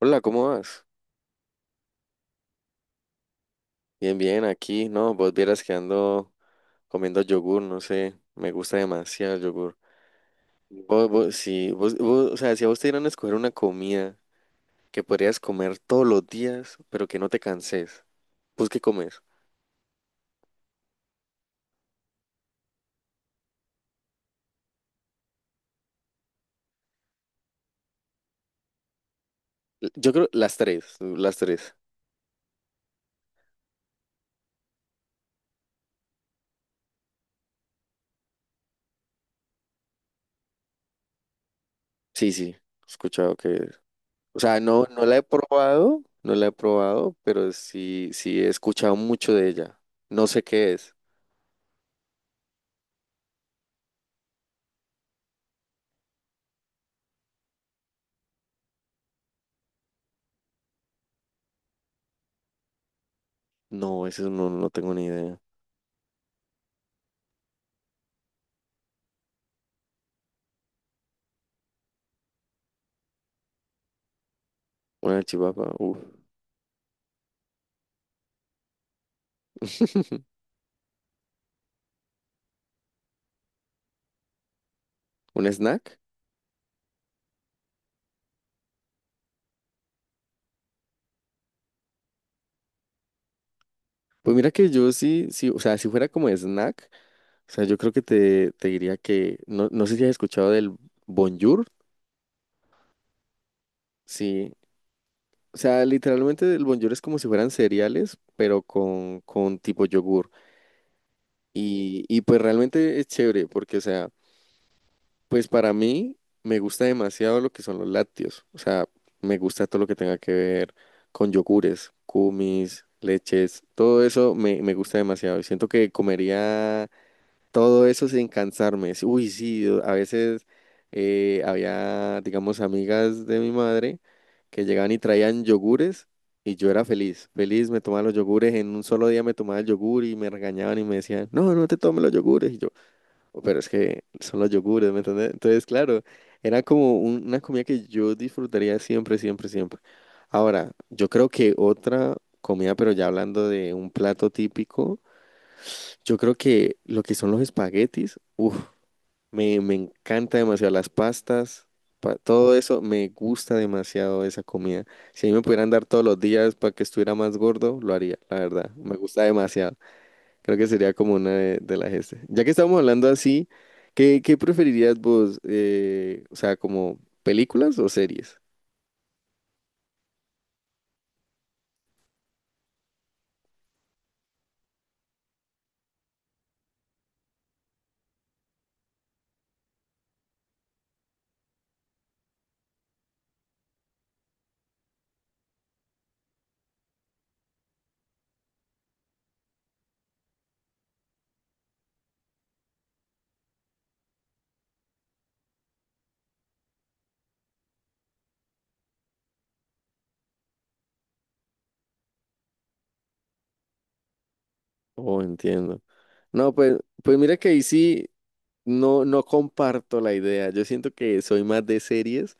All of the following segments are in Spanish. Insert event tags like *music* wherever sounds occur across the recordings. Hola, ¿cómo vas? Bien, bien, aquí, no, vos vieras que ando comiendo yogur, no sé, me gusta demasiado el yogur. Vos, sí, vos, o sea, si a vos te dieran a escoger una comida que podrías comer todos los días, pero que no te canses, ¿vos qué comes? Yo creo las tres, las tres. Sí, sí, he escuchado que, o sea, no, no la he probado, no la he probado, pero sí, sí he escuchado mucho de ella. No sé qué es. No, eso no, no tengo ni idea. Una chivapa, uff. *laughs* ¿Un snack? Pues mira que yo sí, sí, o sea, si fuera como snack, o sea, yo creo que te diría que, no, no sé si has escuchado del Bonjour, sí, o sea, literalmente el Bonjour es como si fueran cereales, pero con tipo yogur, y pues realmente es chévere, porque, o sea, pues para mí me gusta demasiado lo que son los lácteos, o sea, me gusta todo lo que tenga que ver con yogures, kumis, leches, todo eso me gusta demasiado, y siento que comería todo eso sin cansarme. Sí. Uy, sí, a veces había, digamos, amigas de mi madre que llegaban y traían yogures, y yo era feliz. Feliz, me tomaba los yogures. En un solo día me tomaba el yogur y me regañaban y me decían, no, no te tomes los yogures. Y yo: "Oh, pero es que son los yogures, ¿me entiendes?" Entonces, claro, era como una comida que yo disfrutaría siempre, siempre, siempre. Ahora, yo creo que otra comida, pero ya hablando de un plato típico. Yo creo que lo que son los espaguetis, uff, me encanta demasiado las pastas, todo eso, me gusta demasiado esa comida. Si a mí me pudieran dar todos los días para que estuviera más gordo, lo haría, la verdad, me gusta demasiado. Creo que sería como una de las este. Ya que estamos hablando así, ¿qué preferirías vos? O sea, ¿como películas o series? Oh, entiendo. No, pues, mira que ahí sí, no, no comparto la idea. Yo siento que soy más de series.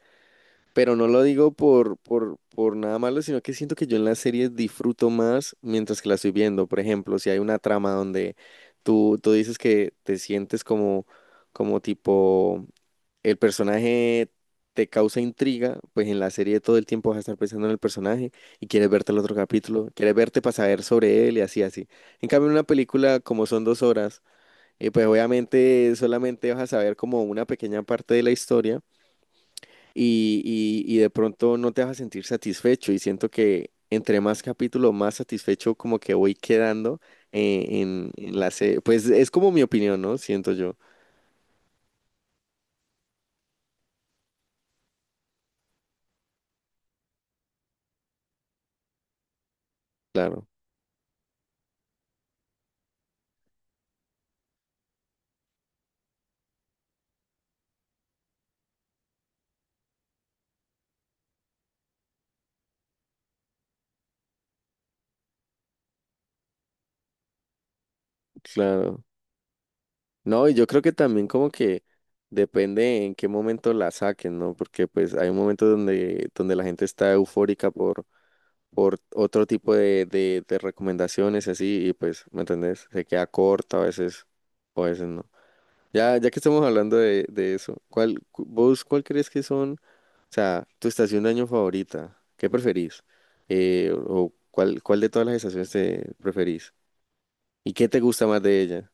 Pero no lo digo por nada malo, sino que siento que yo en las series disfruto más mientras que las estoy viendo. Por ejemplo, si hay una trama donde tú dices que te sientes como, como tipo el personaje te causa intriga, pues en la serie todo el tiempo vas a estar pensando en el personaje y quieres verte el otro capítulo, quieres verte para saber sobre él y así, así. En cambio, en una película, como son dos horas, pues obviamente solamente vas a saber como una pequeña parte de la historia y, y de pronto no te vas a sentir satisfecho y siento que entre más capítulo, más satisfecho como que voy quedando en la serie. Pues es como mi opinión, ¿no? Siento yo. Claro, claro. No, y yo creo que también como que depende en qué momento la saquen, ¿no? Porque pues hay un momento donde, donde la gente está eufórica por otro tipo de recomendaciones y así y pues, ¿me entendés? Se queda corta a veces o a veces no. Ya que estamos hablando de eso, ¿cuál, vos cuál crees que son, o sea, tu estación de año favorita? ¿Qué preferís? ¿O cuál, cuál de todas las estaciones te preferís? ¿Y qué te gusta más de ella?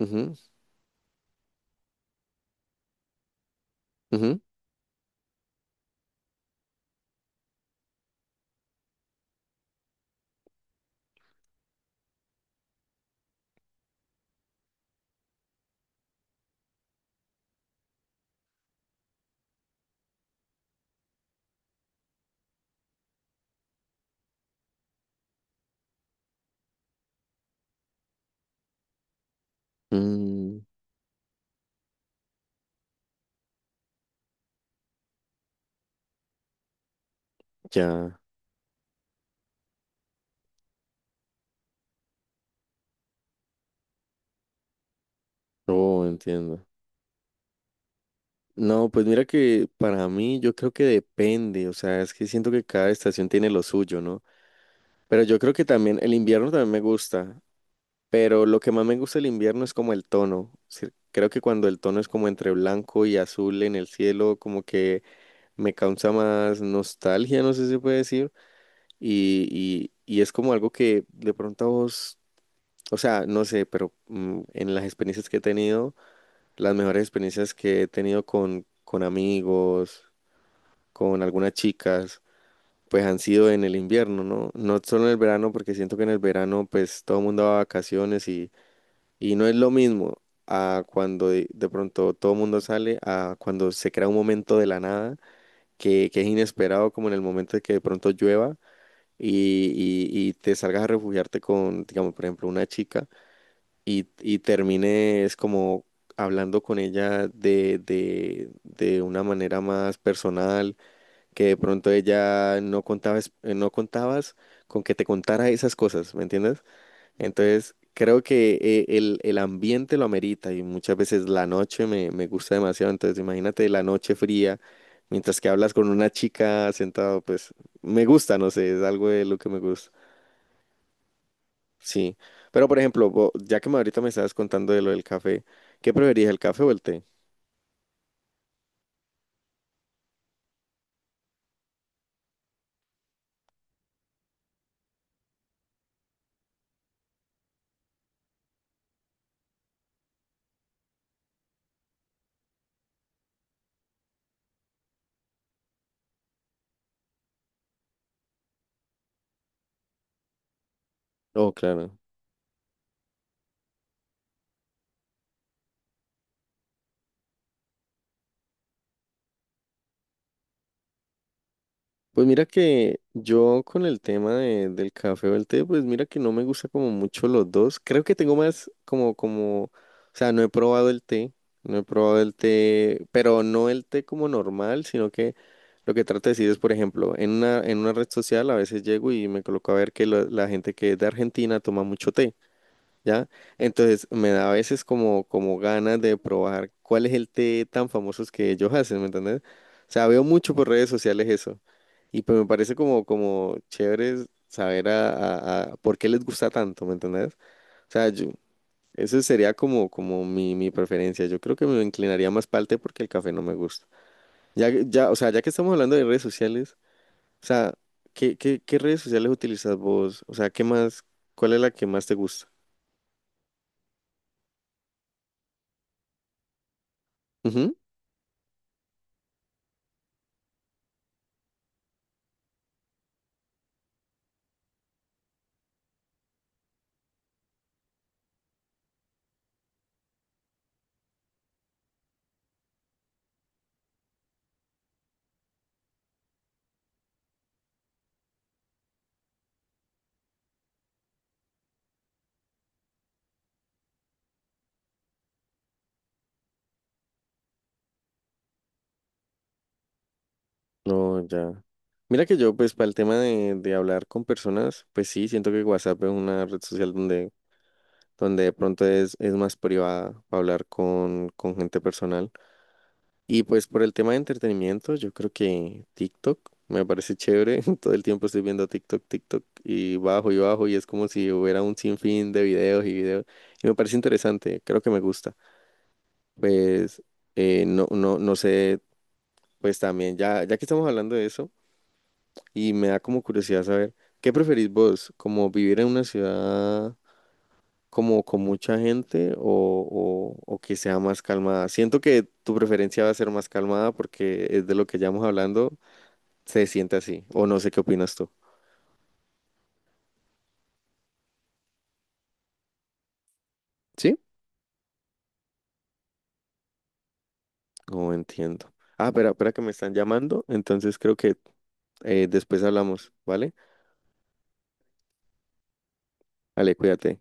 Ujú, ujú. Mm, ya. Oh, entiendo. No, pues mira que para mí yo creo que depende, o sea, es que siento que cada estación tiene lo suyo, ¿no? Pero yo creo que también el invierno también me gusta. Pero lo que más me gusta del invierno es como el tono. Sí. Creo que cuando el tono es como entre blanco y azul en el cielo, como que me causa más nostalgia, no sé si se puede decir. Y es como algo que de pronto a vos, o sea, no sé, pero en las experiencias que he tenido, las mejores experiencias que he tenido con amigos, con algunas chicas, pues han sido en el invierno, ¿no? No solo en el verano, porque siento que en el verano pues todo el mundo va a vacaciones. Y no es lo mismo a cuando de pronto todo el mundo sale, a cuando se crea un momento de la nada que es inesperado, como en el momento de que de pronto llueva y, y te salgas a refugiarte con, digamos, por ejemplo, una chica y termines como hablando con ella de una manera más personal, que de pronto ella no contabas, no contabas con que te contara esas cosas, ¿me entiendes? Entonces, creo que el ambiente lo amerita y muchas veces la noche me gusta demasiado. Entonces, imagínate la noche fría, mientras que hablas con una chica sentado, pues me gusta, no sé, es algo de lo que me gusta. Sí. Pero, por ejemplo, ya que me ahorita me estabas contando de lo del café, ¿qué preferís, el café o el té? Oh, claro. Pues mira que yo con el tema del café o el té, pues mira que no me gusta como mucho los dos. Creo que tengo más como, como, o sea, no he probado el té, no he probado el té, pero no el té como normal, sino que lo que trato de decir es, por ejemplo, en una red social a veces llego y me coloco a ver que la gente que es de Argentina toma mucho té. ¿Ya? Entonces me da a veces como, ganas de probar cuál es el té tan famoso que ellos hacen, ¿me entiendes? O sea, veo mucho por redes sociales eso. Y pues me parece como, chévere saber a por qué les gusta tanto, ¿me entendés? O sea, yo, eso sería como, mi, preferencia. Yo creo que me inclinaría más para el té porque el café no me gusta. Ya, o sea, ya que estamos hablando de redes sociales, o sea, ¿qué, qué, redes sociales utilizas vos? O sea, ¿qué más, cuál es la que más te gusta? No, ya. Mira que yo, pues, para el tema de hablar con personas, pues sí, siento que WhatsApp es una red social donde de pronto es más privada para hablar con, gente personal. Y pues por el tema de entretenimiento, yo creo que TikTok me parece chévere. *laughs* Todo el tiempo estoy viendo TikTok, TikTok y bajo y bajo y es como si hubiera un sinfín de videos y videos. Y me parece interesante, creo que me gusta. Pues, no, no, no sé, pues también, ya que estamos hablando de eso. Y me da como curiosidad saber, ¿qué preferís vos? ¿Como vivir en una ciudad como con mucha gente o, o que sea más calmada? Siento que tu preferencia va a ser más calmada porque es de lo que ya hemos hablando, se siente así, o no sé qué opinas tú. ¿Sí? No entiendo. Ah, espera, espera que me están llamando, entonces creo que después hablamos, ¿vale? Vale, cuídate.